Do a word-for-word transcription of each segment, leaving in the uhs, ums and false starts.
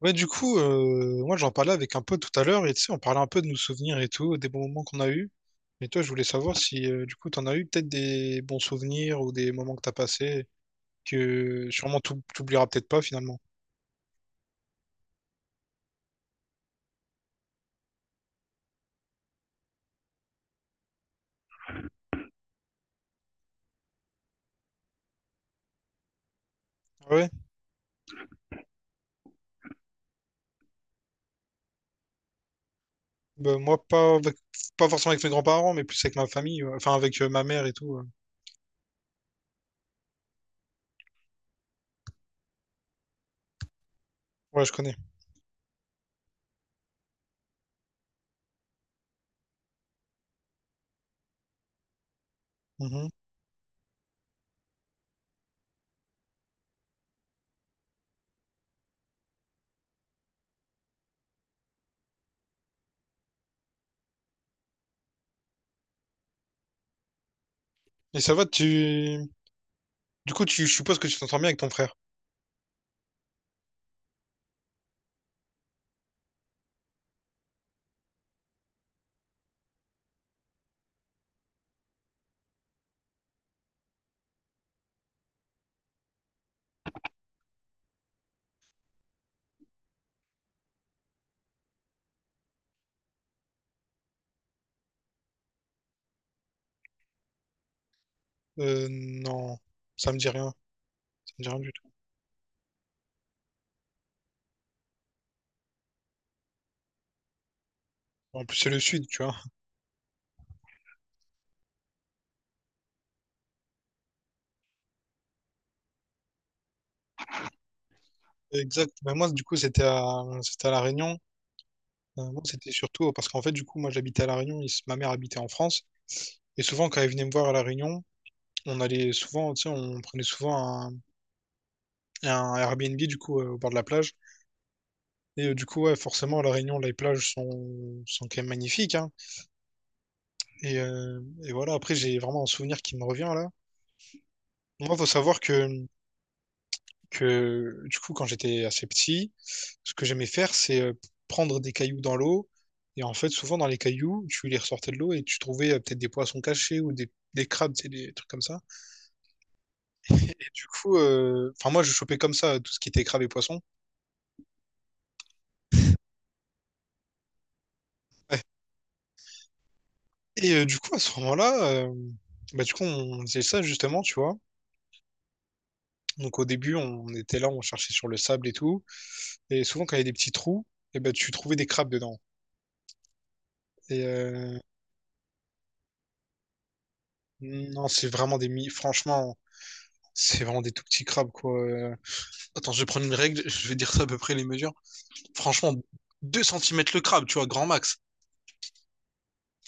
Ouais, du coup, euh, moi j'en parlais avec un pote tout à l'heure et tu sais, on parlait un peu de nos souvenirs et tout, des bons moments qu'on a eus. Et toi, je voulais savoir si euh, du coup t'en as eu peut-être des bons souvenirs ou des moments que t'as passés que sûrement t'ou- t'oublieras peut-être pas finalement. Ouais, bah, moi pas, avec- pas forcément avec mes grands-parents, mais plus avec ma famille, ouais. Enfin avec euh, ma mère et tout. Ouais. Ouais, je connais. Mhm. Et ça va, tu. Du coup, tu, je suppose que tu t'entends bien avec ton frère. Euh, non, ça me dit rien. J'ai rien du tout. En plus, c'est le sud, tu vois. Exact. Bah, moi, du coup, c'était à, c'était à La Réunion. Euh, moi, c'était surtout parce qu'en fait, du coup, moi, j'habitais à La Réunion. il- Ma mère habitait en France. Et souvent, quand elle venait me voir à La Réunion, on allait souvent, tu sais, on prenait souvent un, un Airbnb, du coup, euh, au bord de la plage. Et euh, du coup, ouais, forcément, à La Réunion, les plages sont, sont quand même magnifiques, hein. Et, euh, et voilà, après, j'ai vraiment un souvenir qui me revient, là. Moi, faut savoir que que du coup, quand j'étais assez petit, ce que j'aimais faire, c'est euh, prendre des cailloux dans l'eau. Et en fait, souvent dans les cailloux, tu les ressortais de l'eau et tu trouvais euh, peut-être des poissons cachés ou des, des crabes, tu sais, des trucs comme ça. Et du coup, euh, enfin moi, je chopais comme ça euh, tout ce qui était crabes et poissons. Et euh, du coup, à ce moment-là, euh, bah, du coup, on faisait ça justement, tu vois. Donc au début, on était là, on cherchait sur le sable et tout. Et souvent, quand il y a des petits trous, et ben tu trouvais des crabes dedans. Et euh, non, c'est vraiment des mi... franchement, c'est vraiment des tout petits crabes, quoi. Euh, Attends, je vais prendre une règle, je vais dire ça à peu près les mesures. Franchement, deux centimètres le crabe, tu vois, grand max.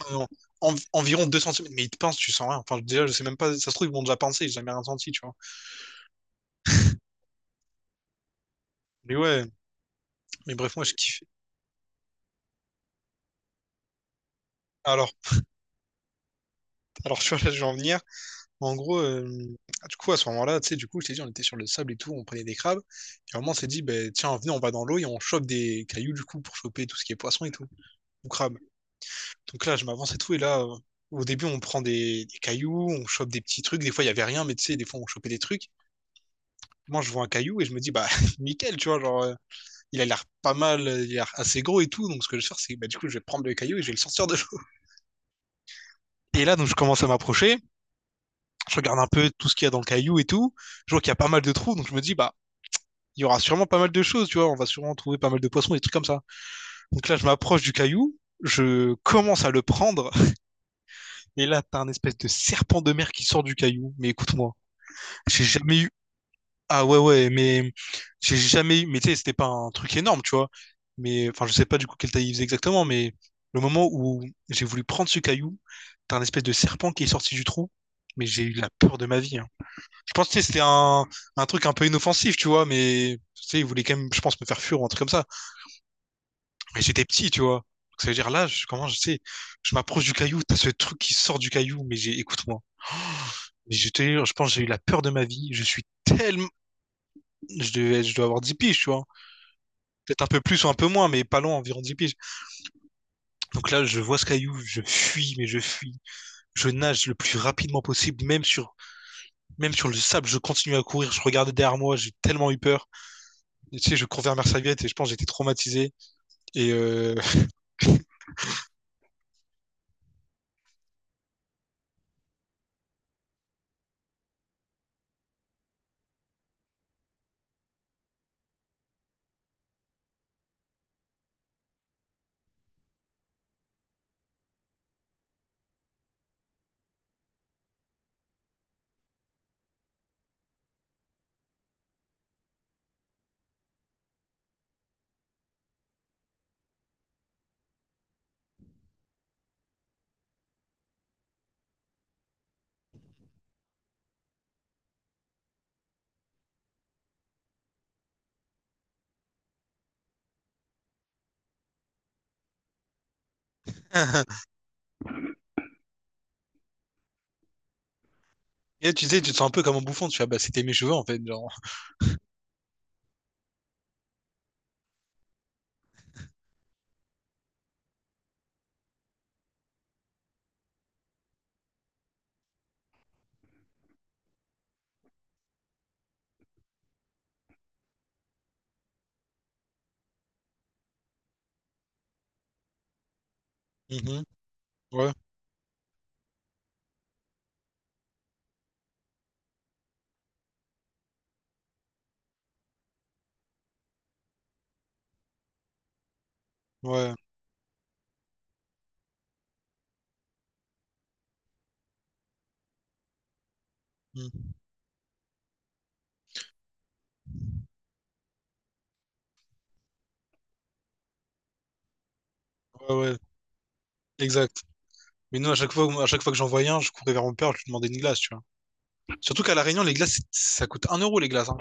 Enfin, en- en- environ deux centimètres. Mais ils te pincent, tu sens rien. Enfin, déjà, je sais même pas, ça se trouve, ils m'ont déjà pincé, j'ai jamais rien senti, tu vois. Mais ouais, mais bref, moi, je kiffe. Alors, alors, tu vois, là, je vais en venir. En gros, euh, du coup, à ce moment-là, tu sais, du coup, je t'ai dit, on était sur le sable et tout, on prenait des crabes. Et à un moment, on s'est dit, ben, tiens, venez, on va dans l'eau et on chope des cailloux, du coup, pour choper tout ce qui est poisson et tout, ou crabe. Donc là, je m'avance et tout. Et là, euh, au début, on prend des, des cailloux, on chope des petits trucs. Des fois, il y avait rien, mais tu sais, des fois, on chopait des trucs. Moi, je vois un caillou et je me dis, bah, nickel, tu vois, genre, euh, il a l'air pas mal, euh, il a l'air assez gros et tout. Donc, ce que je vais faire, c'est, bah, du coup, je vais prendre le caillou et je vais le sortir de l'eau. Et là, donc, je commence à m'approcher. Je regarde un peu tout ce qu'il y a dans le caillou et tout. Je vois qu'il y a pas mal de trous. Donc, je me dis, bah, il y aura sûrement pas mal de choses, tu vois. On va sûrement trouver pas mal de poissons, des trucs comme ça. Donc là, je m'approche du caillou. Je commence à le prendre. Et là, t'as un espèce de serpent de mer qui sort du caillou. Mais écoute-moi. J'ai jamais eu. Ah ouais, ouais, mais j'ai jamais eu. Mais tu sais, c'était pas un truc énorme, tu vois. Mais enfin, je sais pas du coup quelle taille il faisait exactement, mais le moment où j'ai voulu prendre ce caillou, t'as un espèce de serpent qui est sorti du trou, mais j'ai eu la peur de ma vie. Hein. Je pense que tu sais, c'était un, un truc un peu inoffensif, tu vois, mais tu sais, il voulait quand même, je pense, me faire fuir ou un truc comme ça. Mais j'étais petit, tu vois. Donc, ça veut dire là, je, comment je sais, je m'approche du caillou, t'as ce truc qui sort du caillou, mais j'ai, écoute-moi. Mais je te jure, je pense que j'ai eu la peur de ma vie. Je suis tellement, je devais, je dois avoir dix piges, tu vois. Peut-être un peu plus ou un peu moins, mais pas loin, environ dix piges. Donc là, je vois ce caillou, je fuis, mais je fuis. Je nage le plus rapidement possible, même sur, même sur le sable, je continue à courir. Je regardais derrière moi, j'ai tellement eu peur. Et, tu sais, je cours vers ma serviette et je pense que j'étais traumatisé. Et, euh... et là, tu sais, tu te sens un peu comme un bouffon, tu vois, bah, c'était mes cheveux en fait. Genre. Mhm. Ouais, ouais. Mm. Ouais, ouais, exact. Mais nous, à chaque fois, à chaque fois que j'en voyais un, je courais vers mon père, je lui demandais une glace, tu vois. Surtout qu'à La Réunion, les glaces, c'est- ça coûte un euro les glaces. Hein.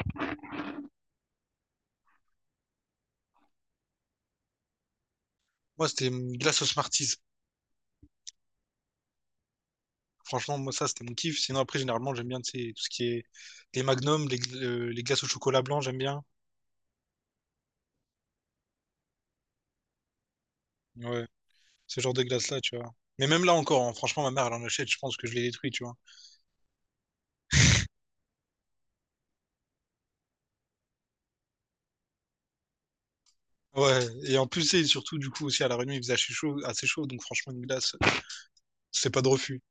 Moi, c'était une glace au Smarties. Franchement, moi, ça, c'était mon kiff. Sinon, après, généralement, j'aime bien tu sais, tout ce qui est les magnums, les, gl- euh, les glaces au chocolat blanc, j'aime bien. Ouais, ce genre de glace-là, tu vois. Mais même là encore, hein, franchement, ma mère, elle en achète, je pense que je l'ai détruit, tu vois. Ouais, et en plus, c'est surtout, du coup, aussi à La Réunion, il faisait assez chaud, assez chaud, donc franchement, une glace, c'est pas de refus.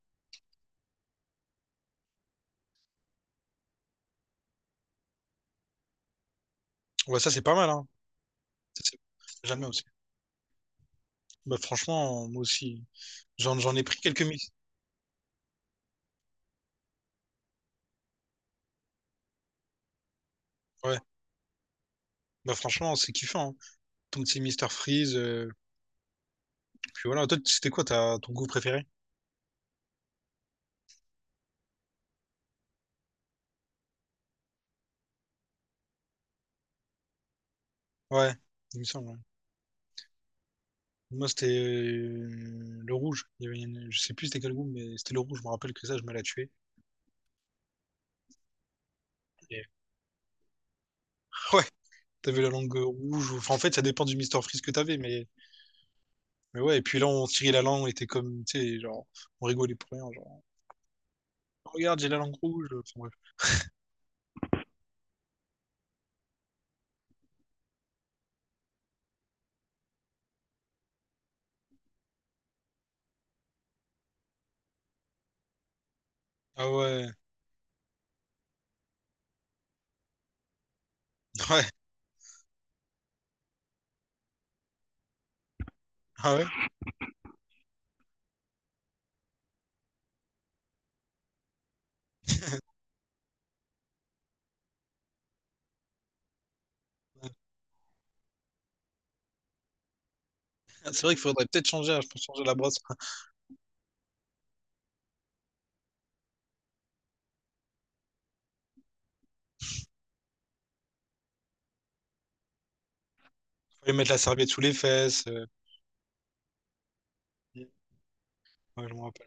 Ouais, ça, c'est pas mal, hein. Ça, c'est- jamais aussi. Bah, franchement, moi aussi. J'en, j'en ai pris quelques mix. Ouais, bah, franchement, c'est kiffant. Hein. Ton petit mister Freeze, euh, puis voilà. Toi, c'était quoi ta, ton goût préféré? Ouais, il me semble. Hein. Moi, c'était euh, le rouge. Il y avait une- je sais plus c'était quel goût, mais c'était le rouge. Je me rappelle que ça, je me la tuais. Et... Ouais, t'avais la langue euh, rouge. ou- Enfin, en fait, ça dépend du Mister Freeze que t'avais, mais. Mais ouais. Et puis là, on tirait la langue, on était comme, tu sais, genre, on rigolait pour rien. Genre, regarde, j'ai la langue rouge. Enfin, bref. Ah ouais, ouais, ah ouais. Ah, c'est vrai qu'il faudrait peut-être changer, hein, je pense changer la brosse. Fallait mettre la serviette sous les fesses. euh. Ouais, je me rappelle.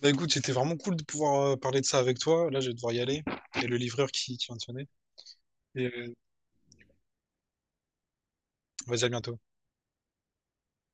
Bah écoute, c'était vraiment cool de pouvoir euh, parler de ça avec toi. Là, je vais devoir y aller. Et le livreur qui, qui vient de sonner. Et euh, vas-y, à bientôt.